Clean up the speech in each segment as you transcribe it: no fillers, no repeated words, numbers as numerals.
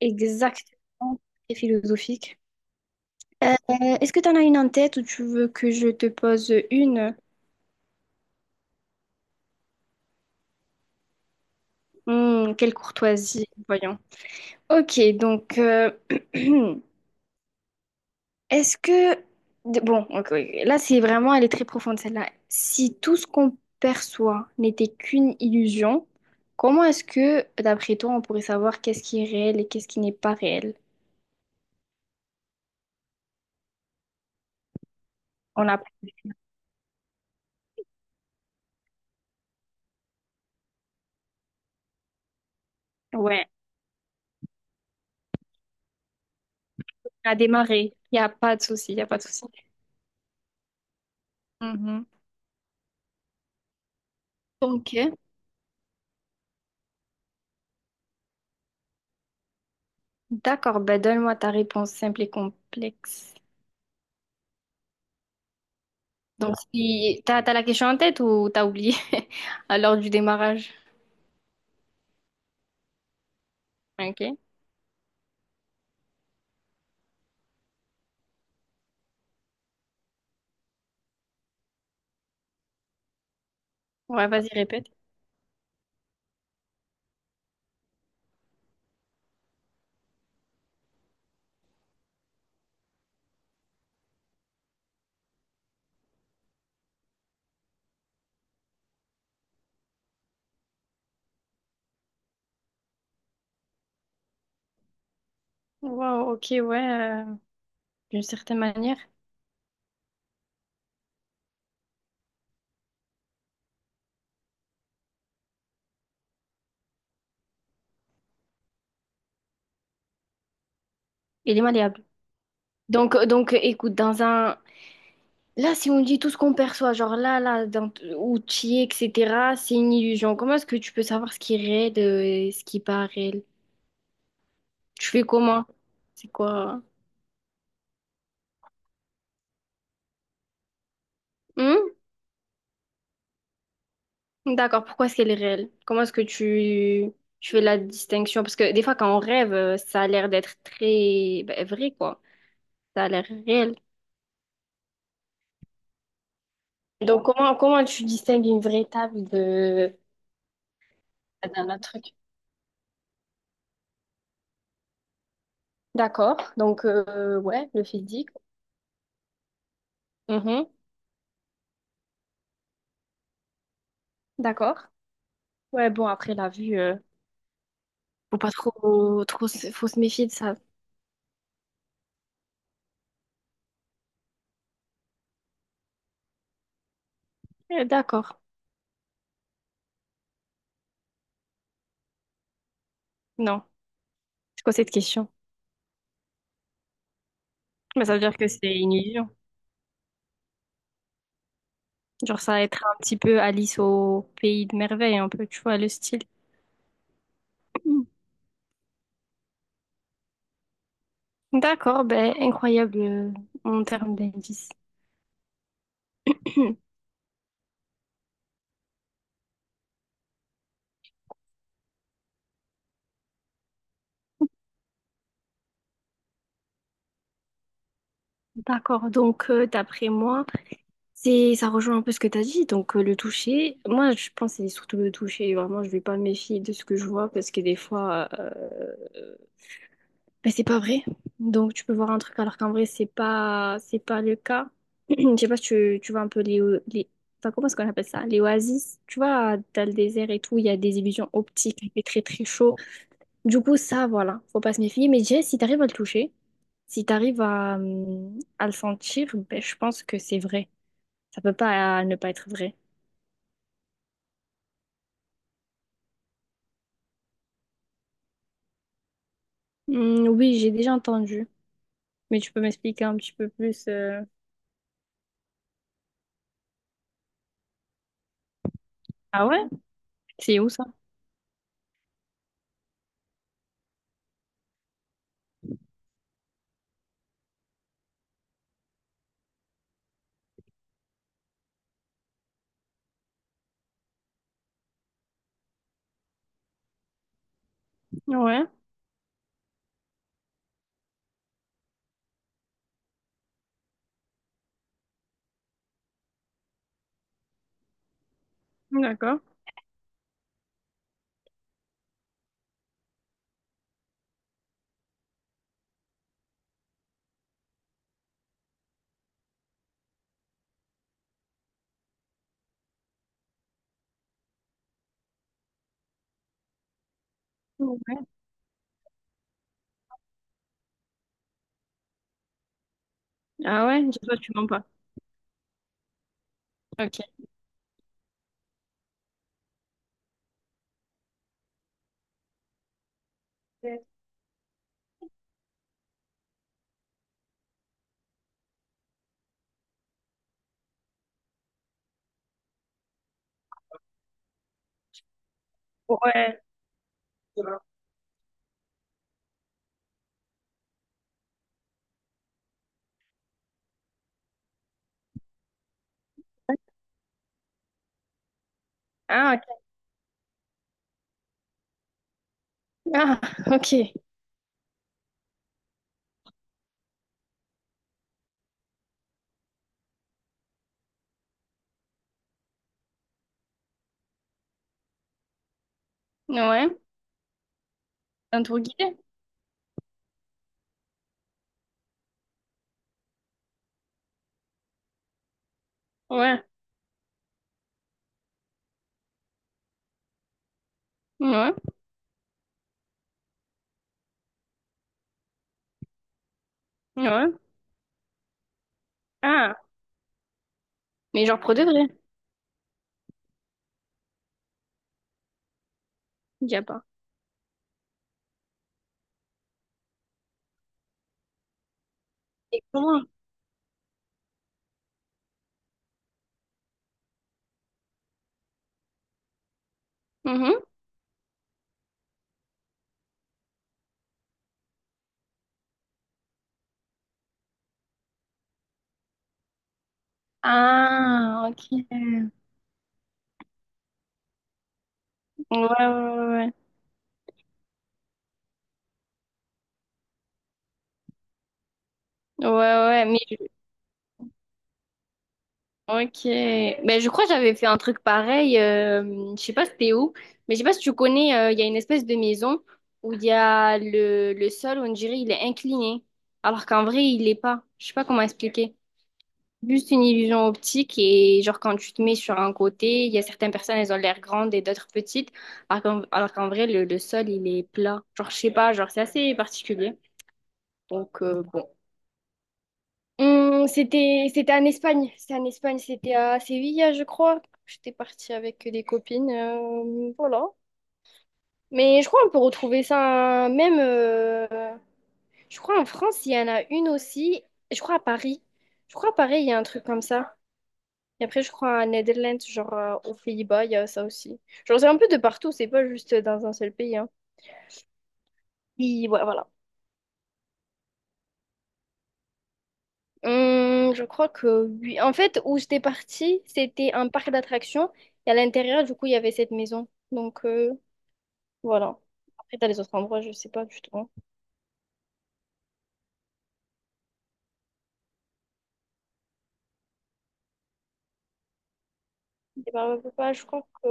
Exactement, c'est philosophique. Euh, Est-ce que tu en as une en tête ou tu veux que je te pose une? Hmm, quelle courtoisie, voyons. Ok, donc, est-ce que... Bon, ok, ok. Là, c'est vraiment, elle est très profonde, celle-là. Si tout ce qu'on perçoit n'était qu'une illusion, comment est-ce que, d'après toi, on pourrait savoir qu'est-ce qui est réel et qu'est-ce qui n'est pas réel? On a... Ouais, on a démarré. Il n'y a pas de souci, il n'y a pas de souci. Mhm. Ok. D'accord, ben donne-moi ta réponse simple et complexe. Donc, Ah, si t'as la question en tête ou t'as oublié à l'heure du démarrage? Ok. Ouais, vas-y, répète. Wow, ok, ouais, d'une certaine manière, il est malléable. Donc, écoute, dans un... Là, si on dit tout ce qu'on perçoit, genre là, là, dans... où tu es, etc., c'est une illusion. Comment est-ce que tu peux savoir ce qui est réel et ce qui n'est pas réel? Tu fais comment? C'est quoi? Hmm. D'accord, pourquoi est-ce qu'elle est réelle? Comment est-ce que tu fais la distinction? Parce que des fois, quand on rêve, ça a l'air d'être très ben, vrai, quoi. Ça a l'air réel. Donc, comment, comment tu distingues une vraie table de... D'un autre truc. D'accord, donc, ouais, le physique. Mhm, d'accord. Ouais, bon, après, la vue, faut pas trop, trop, faut se méfier de ça. D'accord. Non. C'est quoi cette question? Mais ça veut dire que c'est une illusion. Genre, ça va être un petit peu Alice au pays de merveille, un peu, tu vois, le style. D'accord, ben, incroyable en termes d'indices. D'accord, donc d'après moi, c'est ça rejoint un peu ce que tu as dit, donc le toucher. Moi, je pense que c'est surtout le toucher. Vraiment, je vais pas me méfier de ce que je vois parce que des fois, ben, c'est pas vrai. Donc tu peux voir un truc alors qu'en vrai, c'est pas le cas. Je sais pas si tu, tu vois un peu les, les enfin, comment est-ce qu'on appelle ça? Les oasis. Tu vois, dans le désert et tout, il y a des illusions optiques, il fait très très chaud. Du coup, ça, voilà, faut pas se méfier. Mais déjà, si t'arrives à le toucher, si t'arrives à le sentir, ben, je pense que c'est vrai. Ça peut pas ne pas être vrai. Oui, j'ai déjà entendu. Mais tu peux m'expliquer un petit peu plus, ah ouais? C'est où ça? Ouais, d'accord. Ouais. Ah ouais? Toi, tu mens pas. Ok. Ouais. Ah, ok. Ah, ok. Ouais. Un tour guidé? Ouais. Ouais. Ouais. Ah. Mais genre pour de vrai. Il y a pas. Et comment? Ah, ok. Ouais, ouais, ouais. Ouais, ouais, ok. Ben, je crois que j'avais fait un truc pareil, je sais pas c'était où, mais je sais pas si tu connais, il y a une espèce de maison où il y a le sol, on dirait, il est incliné. Alors qu'en vrai, il l'est pas. Je sais pas comment expliquer. Juste une illusion optique et genre quand tu te mets sur un côté, il y a certaines personnes, elles ont l'air grandes et d'autres petites. Alors qu'en vrai, le sol, il est plat. Genre, je sais pas, genre c'est assez particulier. Donc, bon. C'était, c'était en Espagne. C'était en Espagne, c'était à Séville, je crois. J'étais partie avec des copines, voilà. Mais je crois qu'on peut retrouver ça même, je crois en France, il y en a une aussi. Je crois à Paris. Je crois à Paris, il y a un truc comme ça. Et après, je crois à Netherlands, genre aux Pays-Bas, il y a ça aussi. Genre, c'est un peu de partout, c'est pas juste dans un seul pays, hein. Oui, ouais, voilà. Je crois que oui. En fait, où j'étais partie, c'était un parc d'attractions. Et à l'intérieur, du coup, il y avait cette maison. Donc, voilà. Après, t'as les autres endroits, je sais pas du tout. Et je crois que...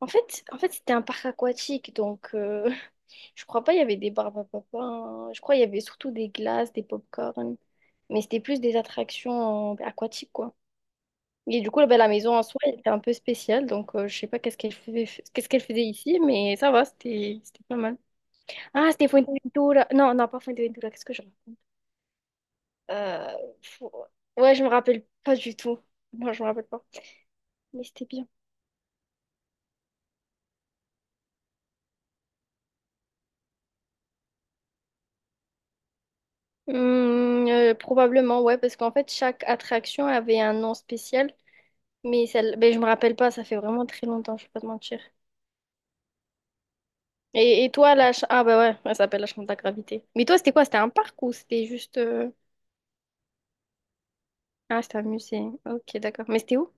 En fait, c'était un parc aquatique. Donc, je crois pas il y avait des barbes à papa, hein. Je crois il y avait surtout des glaces, des pop corn. Mais c'était plus des attractions aquatiques, quoi. Et du coup, là, bah, la maison en soi, elle était un peu spéciale. Donc, je sais pas qu'est-ce qu'elle faisait, qu'est-ce qu'elle faisait ici. Mais ça va, c'était pas mal. Ah, c'était Fuerteventura. Non, non, pas Fuerteventura. Qu'est-ce que je... Euh, fou- ouais, je me rappelle pas du tout. Moi, je me rappelle pas. Mais c'était bien. Hmm, probablement, ouais, parce qu'en fait, chaque attraction avait un nom spécial. Mais celle... ben, je me rappelle pas, ça fait vraiment très longtemps, je vais pas te mentir. Et toi, la... Ah, bah ouais, elle s'appelle la chambre de la gravité. Mais toi, c'était quoi? C'était un parc ou c'était juste... ah, c'était un musée. Ok, d'accord. Mais c'était où?